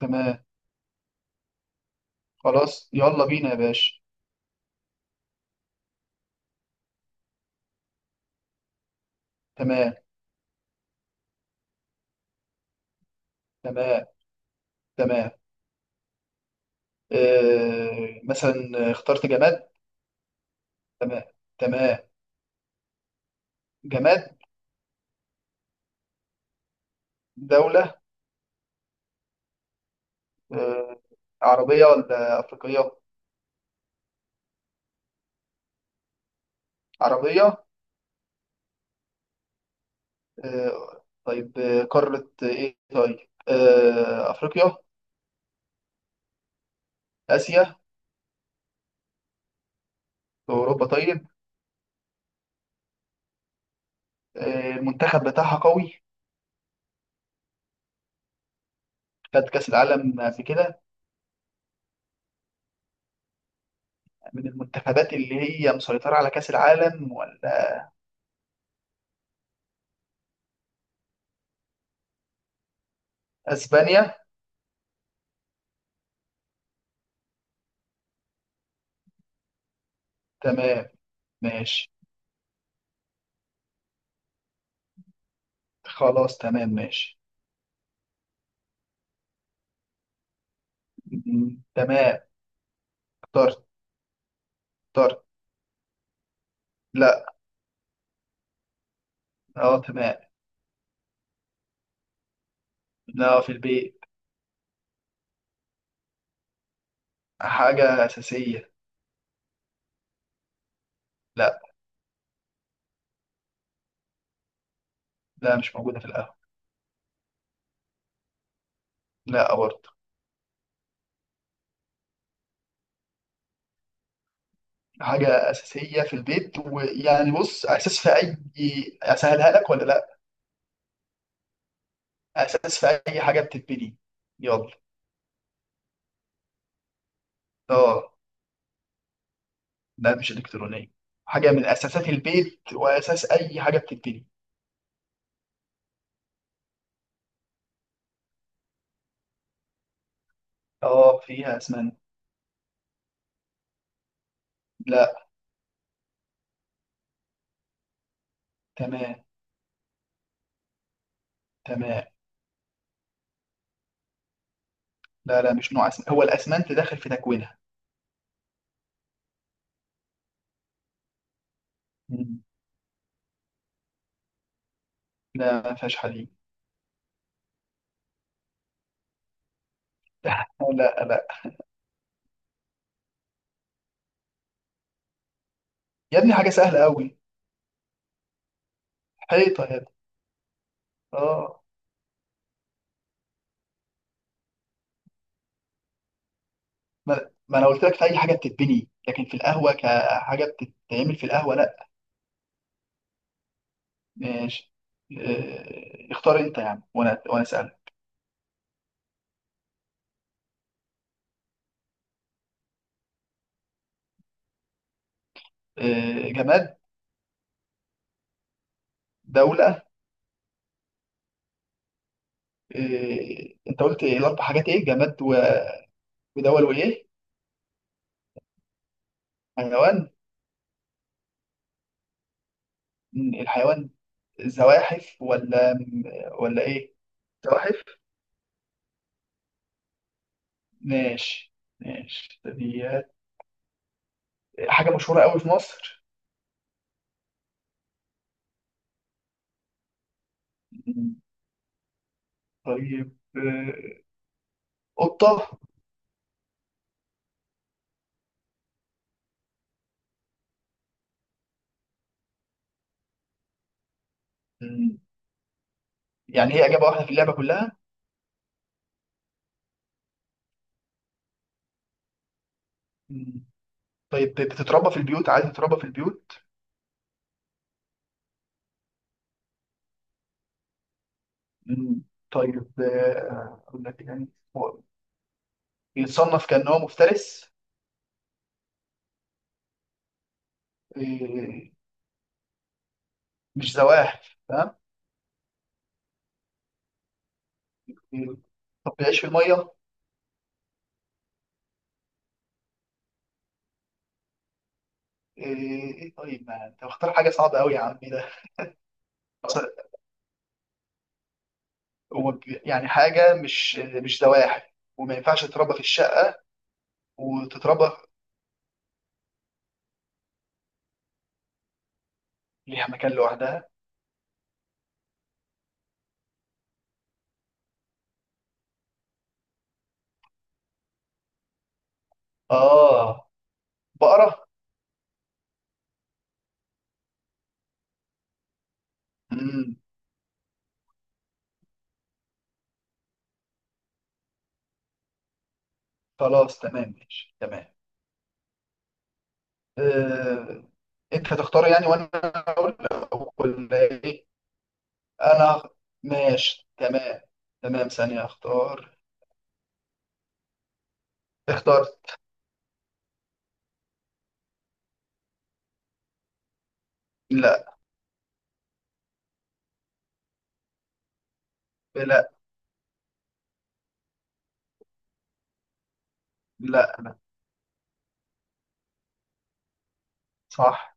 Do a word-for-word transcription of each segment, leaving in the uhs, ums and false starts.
تمام. خلاص، يلا بينا يا باشا. تمام. تمام. تمام. آه، مثلا اخترت جماد. تمام. تمام. جماد. دولة. آه. عربية ولا أفريقية؟ عربية. آه طيب، آه، قارة إيه طيب؟ آه، أفريقيا. آسيا. أوروبا طيب. آه، المنتخب بتاعها قوي. خد كأس العالم قبل كده. من المنتخبات اللي هي مسيطرة على كأس العالم ولا؟ أسبانيا. تمام ماشي. خلاص تمام ماشي. م- تمام. اخترت. اخترت. لا. اه تمام. لا، في البيت. حاجة أساسية. لا. لا مش موجودة في القهوة. لا برضه. حاجة أساسية في البيت ويعني بص، أساس في أي. أسهلها لك ولا لا؟ أساس في أي حاجة بتتبني. يلا. اه. لا مش إلكترونية. حاجة من أساسات البيت وأساس أي حاجة بتتبني. اه فيها أسمنت. لا. تمام. تمام. لا لا، مش نوع أسمنت، هو الأسمنت داخل في تكوينها. مم. لا، ما فيهاش حديد. لا لا، يا ابني حاجة سهلة قوي. حيطة يا ابني. اه. ما, ما انا قلت لك في اي حاجة بتتبني، لكن في القهوة كحاجة بتتعمل في القهوة لا. ماشي. آه، اختار انت يا عم وانا وانا اسالك. آه، جماد. دولة. آه، انت قلت إيه الاربع حاجات؟ ايه، جماد و- ودول وايه؟ حيوان. مم، الحيوان زواحف ولا ولا ايه؟ زواحف. ماشي. ماشي. دي حاجة مشهورة قوي في مصر. مم، طيب آه، قطة. مم. يعني هي إجابة واحدة في اللعبة كلها؟ مم. طيب بت- بتتربى في البيوت؟ عايز تتربى في البيوت. مم. طيب آه، أقول لك يعني، هو بيتصنف كأنه مفترس؟ آه، مش زواحف تمام. آه، طب بيعيش في المية؟ آه، إيه طيب، ما أنت مختار حاجة صعبة أوي يا عمي ده. هو يعني حاجة مش مش زواحف وما ينفعش تتربى في الشقة وتتربى ليها مكان لوحدها. آه، بقرة. مم. خلاص تمام ماشي تمام. آه، انت هتختار يعني وانا اقول ولا ايه؟ انا ماشي. تمام. تمام، ثانية، اختار. اخترت. لا. لا. لا. صح.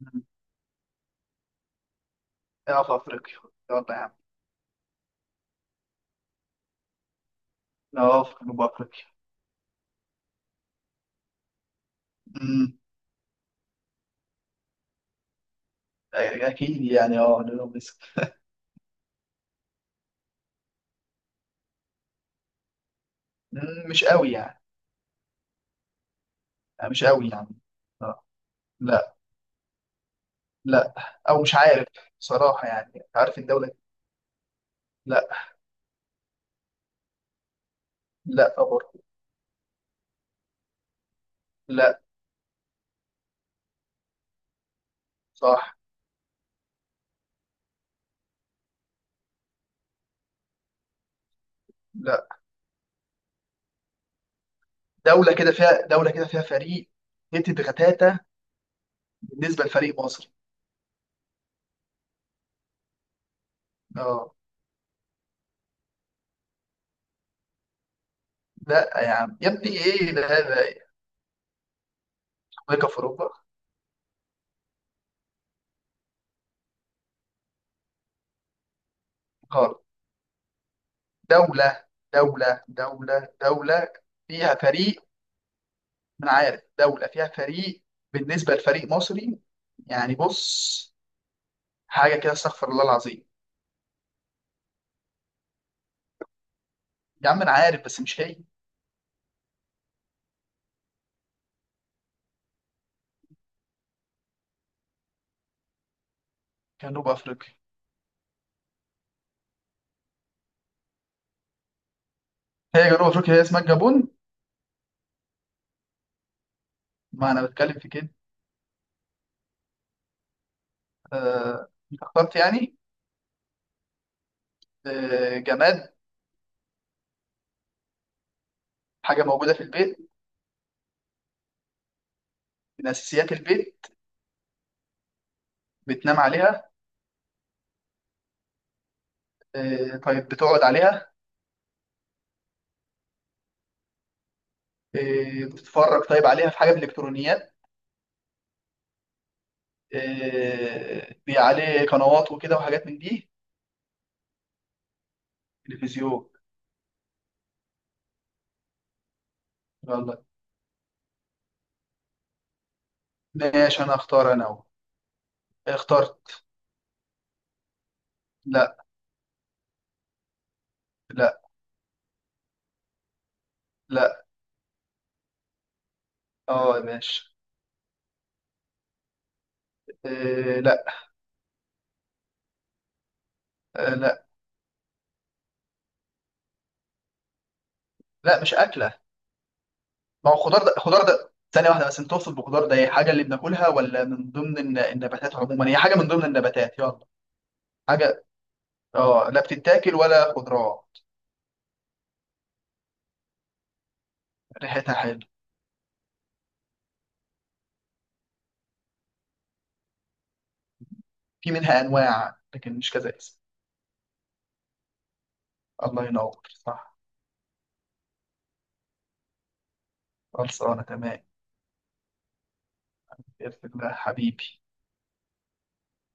مم. اه في افريقيا. يلا يا عم. اه في جنوب افريقيا. مم. أي- اكيد يعني، اه جنوب مصر. مم، مش قوي يعني. آه، مش قوي يعني. اه. لا. لا او مش عارف بصراحة، يعني عارف الدولة. لا. لا برضه. لا. صح. لا. دوله كده فيها، دوله كده فيها فريق هتت غتاته بالنسبه لفريق مصر. اه. لا يا عم يا ابني، ايه ده ده؟ امريكا في اوروبا؟ غلط. دوله. دوله دوله دوله فيها فريق. ما انا عارف دوله فيها فريق بالنسبه لفريق مصري، يعني بص حاجه كده استغفر الله العظيم. يا عم انا عارف بس مش هي. جنوب افريقيا. هي جنوب افريقيا، هي اسمها الجابون. ما انا بتكلم في كده. آه، اخترت يعني. آه، جماد. حاجه موجوده في البيت. من اساسيات البيت. بتنام عليها. آه، طيب بتقعد عليها. آه، بتتفرج طيب عليها، في حاجة من الإلكترونيات. آه، بي عليه قنوات وكده وحاجات من دي. تلفزيون. يلا. ماشي، أنا أختار أنا أهو. اخترت. لا. لا. لا. اه يا باشا. آه، لا. آه، لا. لا مش أكلة. ما هو خضار ده، خضار ده ثانية واحدة بس، أنت تقصد بخضار ده هي حاجة اللي بناكلها ولا من ضمن الن- النباتات عموما؟ هي حاجة من ضمن النباتات، يلا. حاجة اه، لا بتتاكل ولا خضروات. ريحتها حلوة. في منها أنواع لكن مش كذا اسم. الله ينور، صح. خلصانة تمام. بإذن الله حبيبي.